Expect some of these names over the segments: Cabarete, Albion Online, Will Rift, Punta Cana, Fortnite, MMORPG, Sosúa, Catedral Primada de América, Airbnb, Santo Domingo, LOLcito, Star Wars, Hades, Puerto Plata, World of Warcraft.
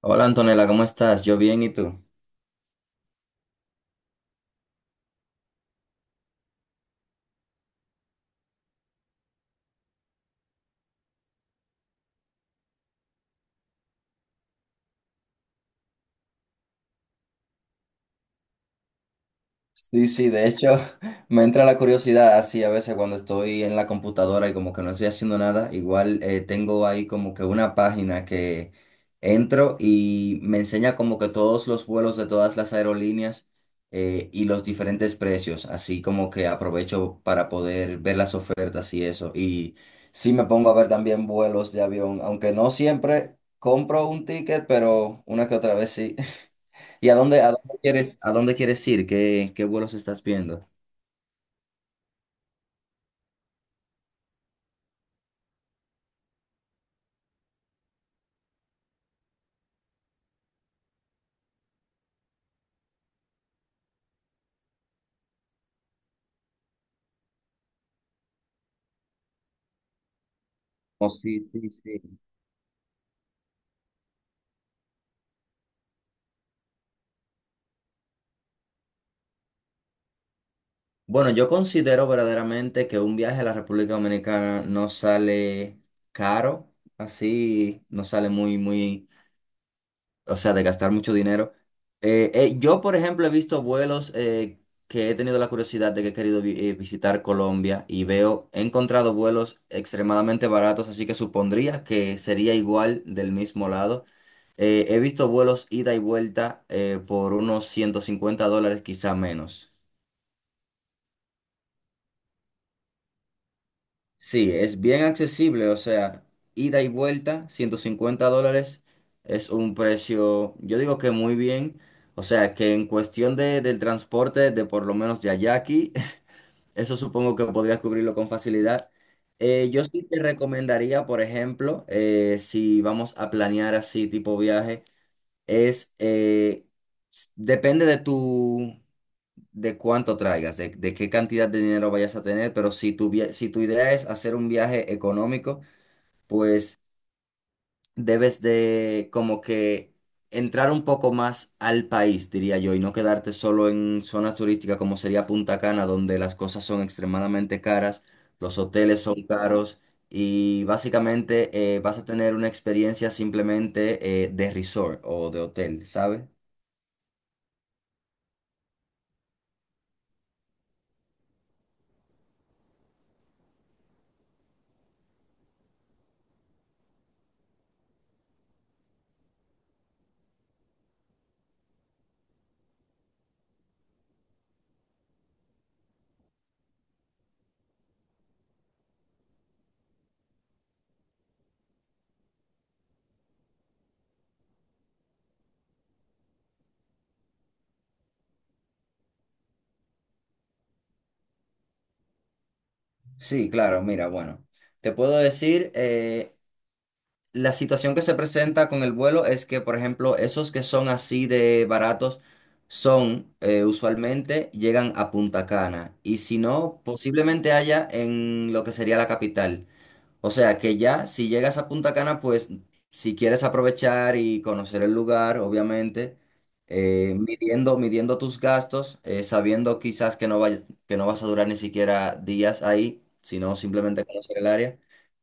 Hola Antonella, ¿cómo estás? Yo bien, ¿y tú? Sí, sí, de hecho me entra la curiosidad así a veces cuando estoy en la computadora y como que no estoy haciendo nada, igual tengo ahí como que una página que entro y me enseña como que todos los vuelos de todas las aerolíneas y los diferentes precios, así como que aprovecho para poder ver las ofertas y eso. Y sí me pongo a ver también vuelos de avión, aunque no siempre compro un ticket, pero una que otra vez sí. ¿Y a dónde quieres ir? ¿Qué vuelos estás viendo? Oh, sí, sí, sí. Bueno, yo considero verdaderamente que un viaje a la República Dominicana no sale caro, así, no sale muy, muy o sea, de gastar mucho dinero. Yo, por ejemplo, he visto vuelos que he tenido la curiosidad de que he querido visitar Colombia y veo, he encontrado vuelos extremadamente baratos, así que supondría que sería igual del mismo lado. He visto vuelos ida y vuelta por unos $150, quizá menos. Sí, es bien accesible, o sea, ida y vuelta, $150 es un precio, yo digo que muy bien, o sea, que en cuestión del transporte de por lo menos de allá a aquí, eso supongo que podrías cubrirlo con facilidad. Yo sí te recomendaría, por ejemplo, si vamos a planear así tipo viaje, es, depende de cuánto traigas, de qué cantidad de dinero vayas a tener, pero si si tu idea es hacer un viaje económico, pues debes de como que entrar un poco más al país, diría yo, y no quedarte solo en zonas turísticas como sería Punta Cana, donde las cosas son extremadamente caras, los hoteles son caros. Y básicamente vas a tener una experiencia simplemente de resort o de hotel, ¿sabes? Sí, claro, mira, bueno, te puedo decir, la situación que se presenta con el vuelo es que, por ejemplo, esos que son así de baratos son usualmente llegan a Punta Cana y si no, posiblemente haya en lo que sería la capital. O sea que ya, si llegas a Punta Cana, pues si quieres aprovechar y conocer el lugar, obviamente, midiendo tus gastos, sabiendo quizás que no vayas, que no vas a durar ni siquiera días ahí, sino simplemente conocer el área.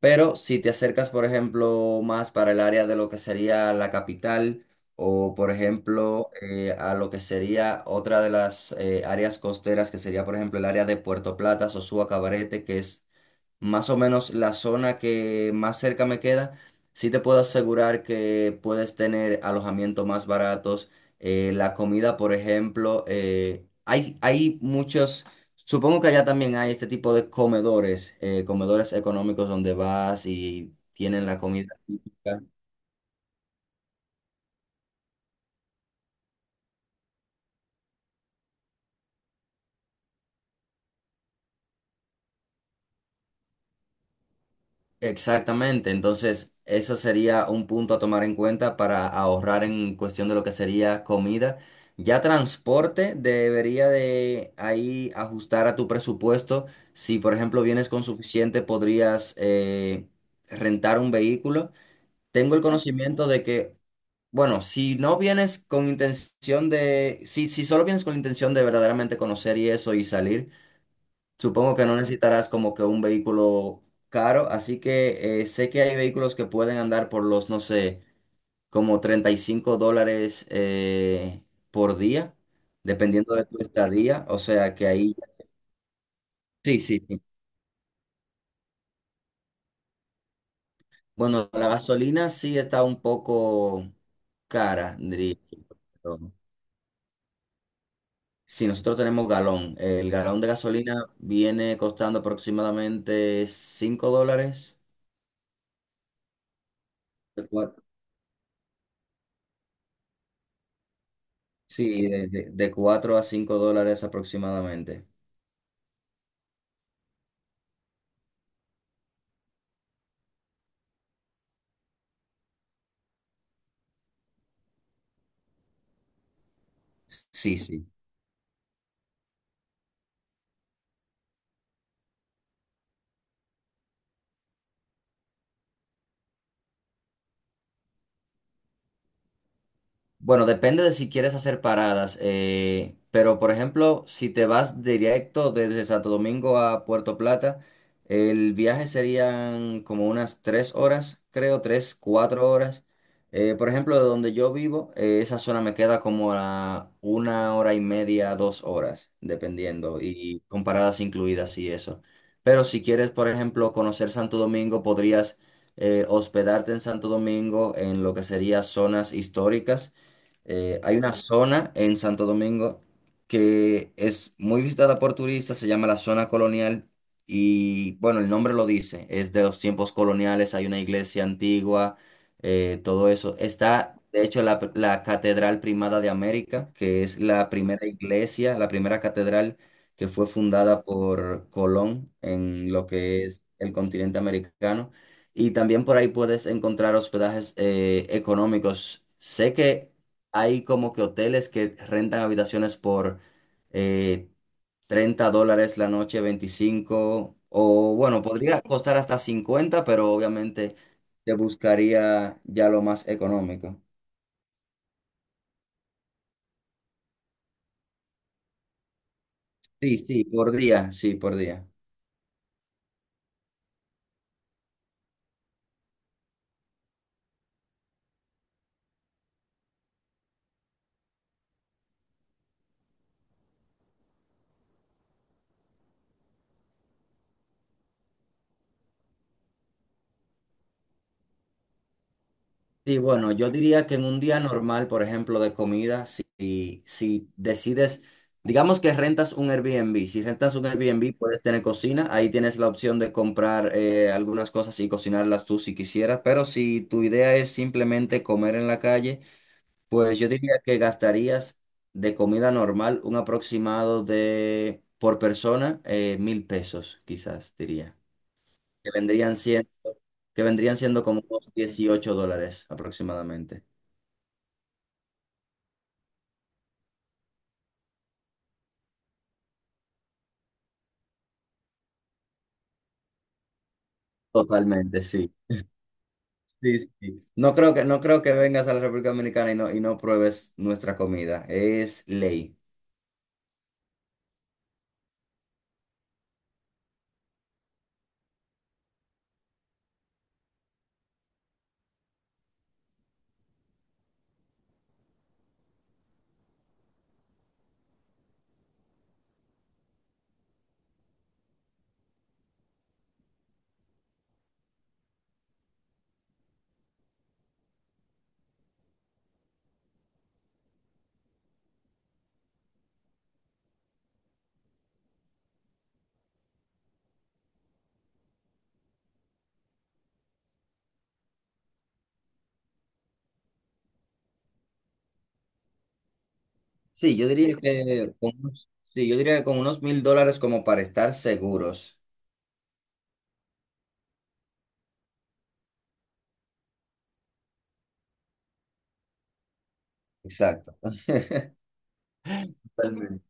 Pero si te acercas, por ejemplo, más para el área de lo que sería la capital o, por ejemplo, a lo que sería otra de las áreas costeras, que sería, por ejemplo, el área de Puerto Plata, Sosúa, Cabarete, que es más o menos la zona que más cerca me queda, sí te puedo asegurar que puedes tener alojamiento más baratos. La comida, por ejemplo, hay muchos, supongo que allá también hay este tipo de comedores, comedores económicos donde vas y tienen la comida típica. Exactamente, entonces eso sería un punto a tomar en cuenta para ahorrar en cuestión de lo que sería comida. Ya transporte debería de ahí ajustar a tu presupuesto. Si por ejemplo vienes con suficiente, podrías rentar un vehículo. Tengo el conocimiento de que, bueno, si no vienes con intención de, si solo vienes con la intención de verdaderamente conocer y eso y salir. Supongo que no necesitarás como que un vehículo caro, así que sé que hay vehículos que pueden andar por los, no sé, como $35 por día, dependiendo de tu estadía. O sea que ahí, sí, sí, sí. Bueno, la gasolina sí está un poco cara, diría yo. Pero sí, nosotros tenemos galón. El galón de gasolina viene costando aproximadamente $5. Sí, de 4 a 5 dólares aproximadamente. Sí, sí. Bueno, depende de si quieres hacer paradas, pero por ejemplo, si te vas directo desde Santo Domingo a Puerto Plata, el viaje serían como unas tres horas, creo, tres, cuatro horas. Por ejemplo, de donde yo vivo, esa zona me queda como a una hora y media, dos horas, dependiendo, y con paradas incluidas y eso. Pero si quieres, por ejemplo, conocer Santo Domingo, podrías hospedarte en Santo Domingo en lo que serían zonas históricas, hay una zona en Santo Domingo que es muy visitada por turistas, se llama la zona colonial y bueno, el nombre lo dice, es de los tiempos coloniales, hay una iglesia antigua, todo eso. Está, de hecho, la Catedral Primada de América, que es la primera iglesia, la primera catedral que fue fundada por Colón en lo que es el continente americano. Y también por ahí puedes encontrar hospedajes económicos. Sé que hay como que hoteles que rentan habitaciones por eh, $30 la noche, 25 o bueno, podría costar hasta 50, pero obviamente te buscaría ya lo más económico. Sí, sí, por día, sí, por día. Sí, bueno, yo diría que en un día normal, por ejemplo, de comida, si decides, digamos que rentas un Airbnb, si rentas un Airbnb puedes tener cocina, ahí tienes la opción de comprar algunas cosas y cocinarlas tú si quisieras, pero si tu idea es simplemente comer en la calle, pues yo diría que gastarías de comida normal un aproximado de, por persona, 1.000 pesos, quizás diría, que vendrían, cien- que vendrían siendo como unos $18 aproximadamente. Totalmente, sí. Sí, sí, sí. No creo que, no creo que vengas a la República Dominicana y no pruebes nuestra comida. Es ley. Sí, yo diría que con unos, sí, yo diría que con unos $1.000 como para estar seguros. Exacto. Totalmente.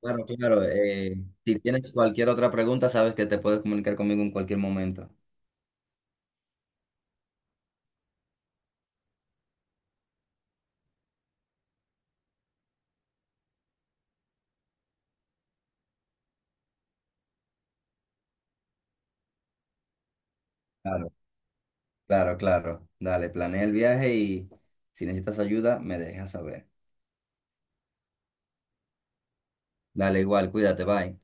Claro, claro. Si tienes cualquier otra pregunta, sabes que te puedes comunicar conmigo en cualquier momento. Claro, claro, claro. Dale, planea el viaje y si necesitas ayuda, me dejas saber. Dale, igual, cuídate, bye.